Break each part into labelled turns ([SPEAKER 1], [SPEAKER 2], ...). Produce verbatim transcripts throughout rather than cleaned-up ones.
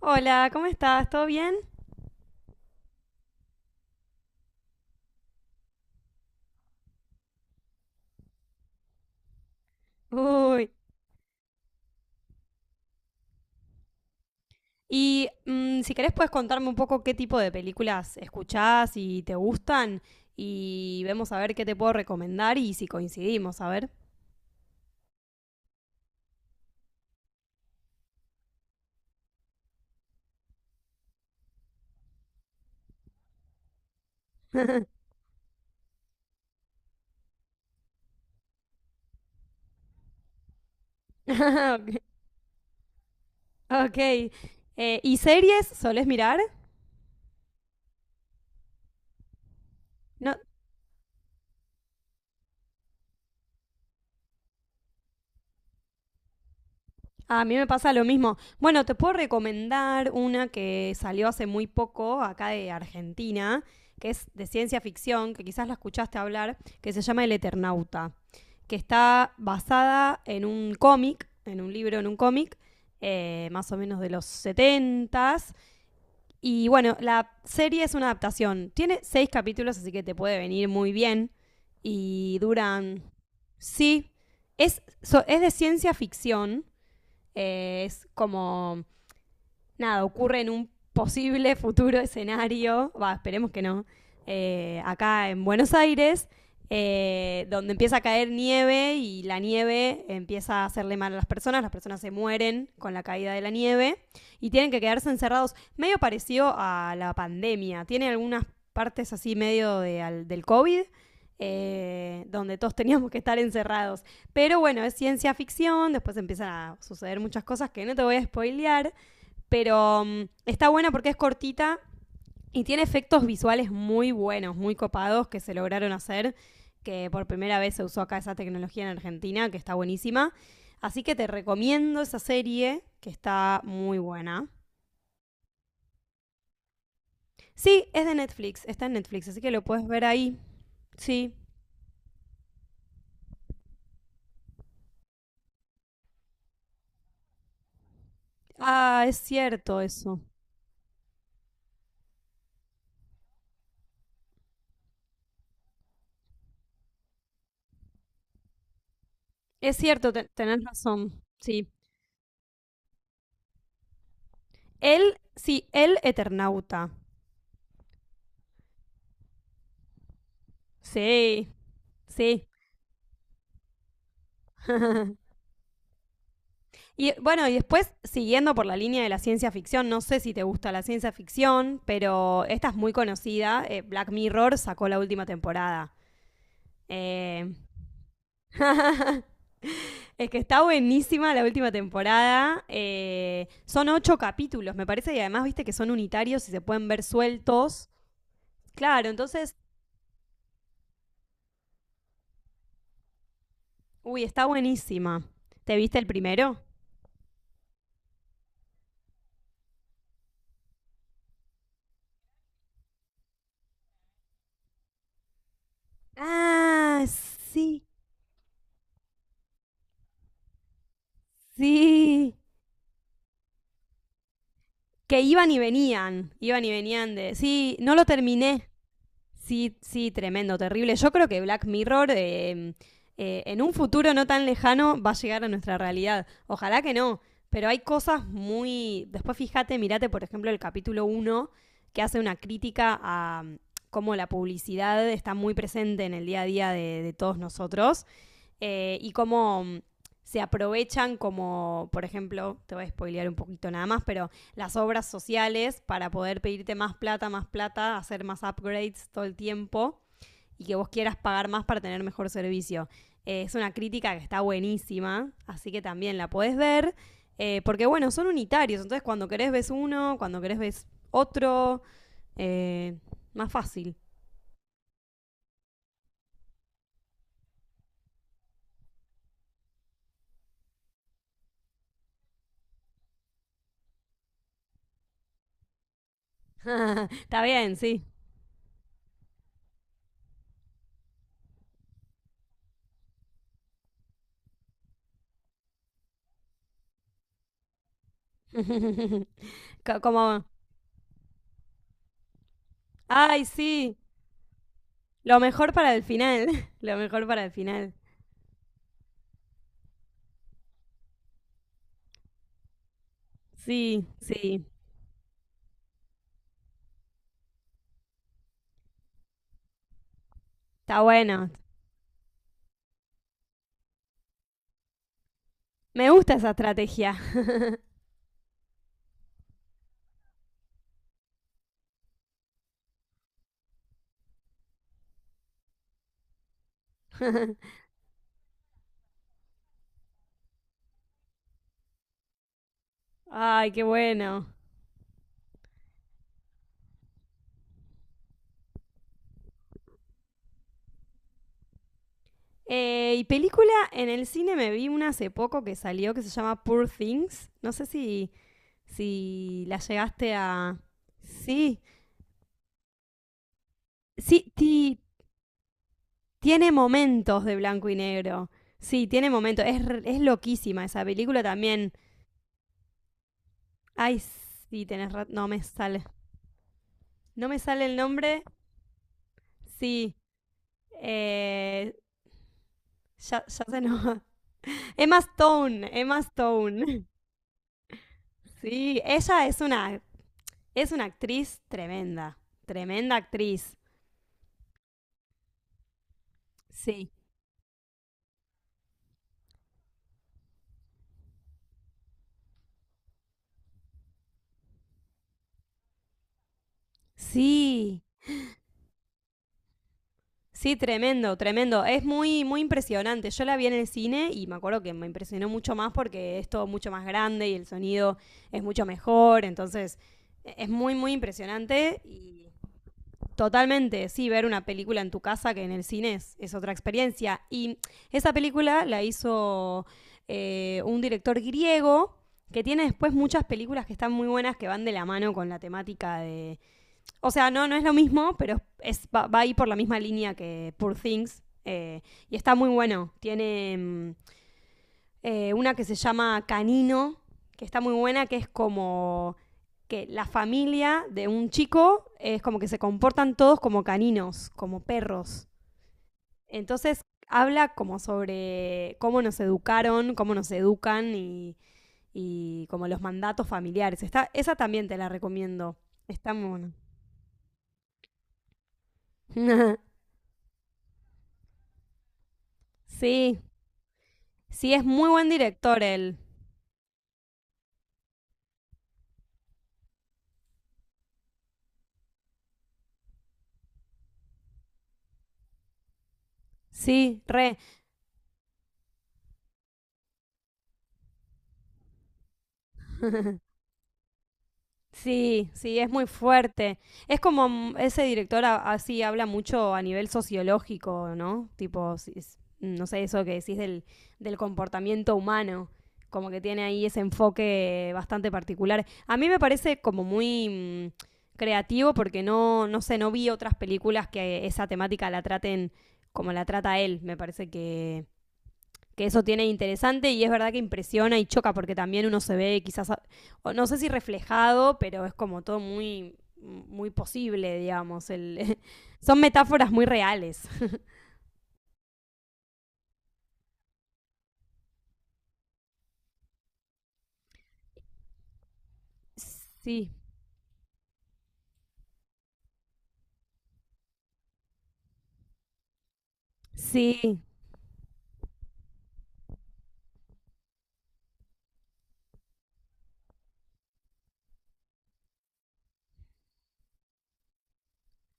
[SPEAKER 1] Hola, ¿cómo estás? ¿Todo bien? Uy. Y mm, si querés puedes contarme un poco qué tipo de películas escuchás y te gustan y vemos a ver qué te puedo recomendar y si coincidimos, a ver. Ok. Ok. Eh, ¿y series solés mirar? No, a mí me pasa lo mismo. Bueno, te puedo recomendar una que salió hace muy poco acá de Argentina, que es de ciencia ficción, que quizás la escuchaste hablar, que se llama El Eternauta. Que está basada en un cómic, en un libro, en un cómic, eh, más o menos de los setenta. Y bueno, la serie es una adaptación. Tiene seis capítulos, así que te puede venir muy bien. Y duran. Sí, es, so- es de ciencia ficción. Eh, es como nada, ocurre en un posible futuro escenario, va, esperemos que no, eh, acá en Buenos Aires, eh, donde empieza a caer nieve y la nieve empieza a hacerle mal a las personas, las personas se mueren con la caída de la nieve y tienen que quedarse encerrados, medio parecido a la pandemia, tiene algunas partes así medio de, al- del COVID, eh, donde todos teníamos que estar encerrados. Pero bueno, es ciencia ficción, después empiezan a suceder muchas cosas que no te voy a spoilear, pero mm, está buena porque es cortita y tiene efectos visuales muy buenos, muy copados que se lograron hacer, que por primera vez se usó acá esa tecnología en Argentina, que está buenísima. Así que te recomiendo esa serie, que está muy buena. Sí, es de Netflix, está en Netflix, así que lo puedes ver ahí. Sí. Ah, es cierto eso. Es cierto, te- tenés razón. Sí. Él, sí, el Eternauta. Sí, sí. Y bueno, y después, siguiendo por la línea de la ciencia ficción, no sé si te gusta la ciencia ficción, pero esta es muy conocida. eh, Black Mirror sacó la última temporada. Eh, es que está buenísima la última temporada. Eh, son ocho capítulos, me parece, y además viste que son unitarios y se pueden ver sueltos. Claro, entonces, uy, está buenísima. ¿Te viste el primero? Ah, sí, sí. Que iban y venían, iban y venían de... Sí, no lo terminé. Sí, sí, tremendo, terrible. Yo creo que Black Mirror, eh, eh, en un futuro no tan lejano va a llegar a nuestra realidad. Ojalá que no, pero hay cosas muy... Después fíjate, mirate por ejemplo el capítulo uno, que hace una crítica a um, cómo la publicidad está muy presente en el día a día de, de todos nosotros, eh, y cómo mm, se aprovechan como, por ejemplo, te voy a spoilear un poquito nada más, pero las obras sociales para poder pedirte más plata, más plata, hacer más upgrades todo el tiempo y que vos quieras pagar más para tener mejor servicio. Eh, es una crítica que está buenísima, así que también la podés ver, eh, porque bueno, son unitarios, entonces cuando querés ves uno, cuando querés ves otro, eh, más fácil. Está bien, sí. Como, ay, sí, lo mejor para el final. Lo mejor para el final. Sí, sí. Está bueno. Me gusta esa estrategia. Ay, qué bueno. Eh, y película en el cine me vi una hace poco que salió que se llama Poor Things. No sé si, si la llegaste a. Sí, sí, ti- tiene momentos de blanco y negro. Sí, tiene momentos. Es, r- es loquísima esa película también. Ay, sí, tenés ra- no me sale. No me sale el nombre. Sí. Eh, ya, ya se nos... Emma Stone, Emma Stone. Sí, ella es una, es una actriz tremenda, tremenda actriz. Sí. Sí, sí, tremendo, tremendo. Es muy, muy impresionante. Yo la vi en el cine y me acuerdo que me impresionó mucho más porque es todo mucho más grande y el sonido es mucho mejor. Entonces, e- es muy, muy impresionante y... Totalmente, sí, ver una película en tu casa que en el cine es, es otra experiencia. Y esa película la hizo eh, un director griego que tiene después muchas películas que están muy buenas que van de la mano con la temática de... O sea, no, no es lo mismo, pero es, va, va ahí por la misma línea que Poor Things. Eh, y está muy bueno. Tiene... mm, eh, una que se llama Canino, que está muy buena, que es como que la familia de un chico es como que se comportan todos como caninos, como perros. Entonces habla como sobre cómo nos educaron, cómo nos educan y, y como los mandatos familiares. Está, esa también te la recomiendo. Está muy buena. Sí, sí, es muy buen director él. Sí, re. Sí, sí, es muy fuerte. Es como mm, ese director a- así habla mucho a nivel sociológico, ¿no? Tipo, si es- mm, no sé, eso que decís del, del comportamiento humano, como que tiene ahí ese enfoque bastante particular. A mí me parece como muy mm, creativo porque no, no sé, no vi otras películas que esa temática la traten como la trata él. Me parece que que eso tiene interesante y es verdad que impresiona y choca porque también uno se ve quizás, no sé si reflejado, pero es como todo muy, muy posible, digamos. El, son metáforas muy reales. Sí, sí,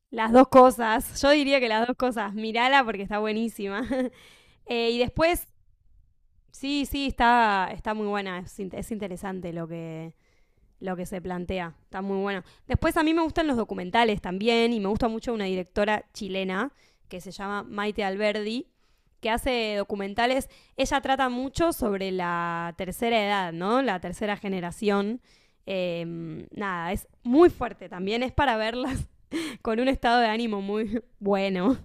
[SPEAKER 1] las dos cosas. Yo diría que las dos cosas. Mírala porque está buenísima. Eh, y después, sí, sí, está, está muy buena. Es, es interesante lo que, lo que se plantea. Está muy bueno. Después a mí me gustan los documentales también y me gusta mucho una directora chilena que se llama Maite Alberdi, que hace documentales. Ella trata mucho sobre la tercera edad, ¿no? La tercera generación. Eh, Nada, es muy fuerte también, es para verlas con un estado de ánimo muy bueno.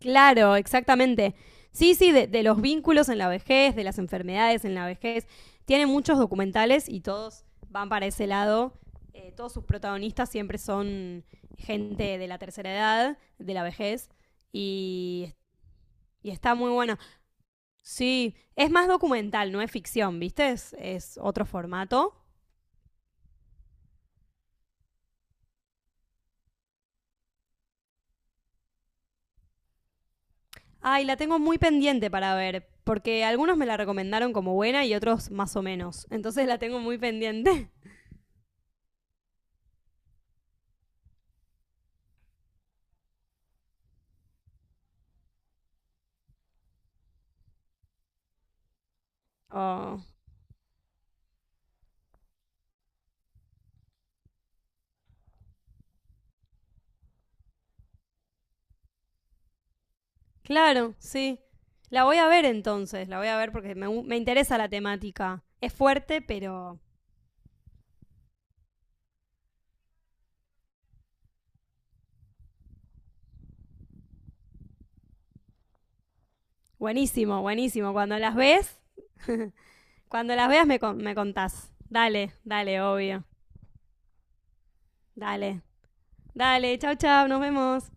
[SPEAKER 1] Claro, exactamente. Sí, sí, de, de los vínculos en la vejez, de las enfermedades en la vejez. Tiene muchos documentales y todos van para ese lado. Eh, todos sus protagonistas siempre son gente de la tercera edad, de la vejez, y, y está muy bueno. Sí, es más documental, no es ficción, ¿viste? Es, es otro formato. Ay, la tengo muy pendiente para ver, porque algunos me la recomendaron como buena y otros más o menos. Entonces la tengo muy pendiente. Oh. Claro, sí. La voy a ver entonces, la voy a ver porque me, gu- me interesa la temática. Es fuerte, pero buenísimo, buenísimo. Cuando las ves, cuando las veas me, con- me contás. Dale, dale, obvio. Dale, dale, chau, chau, nos vemos.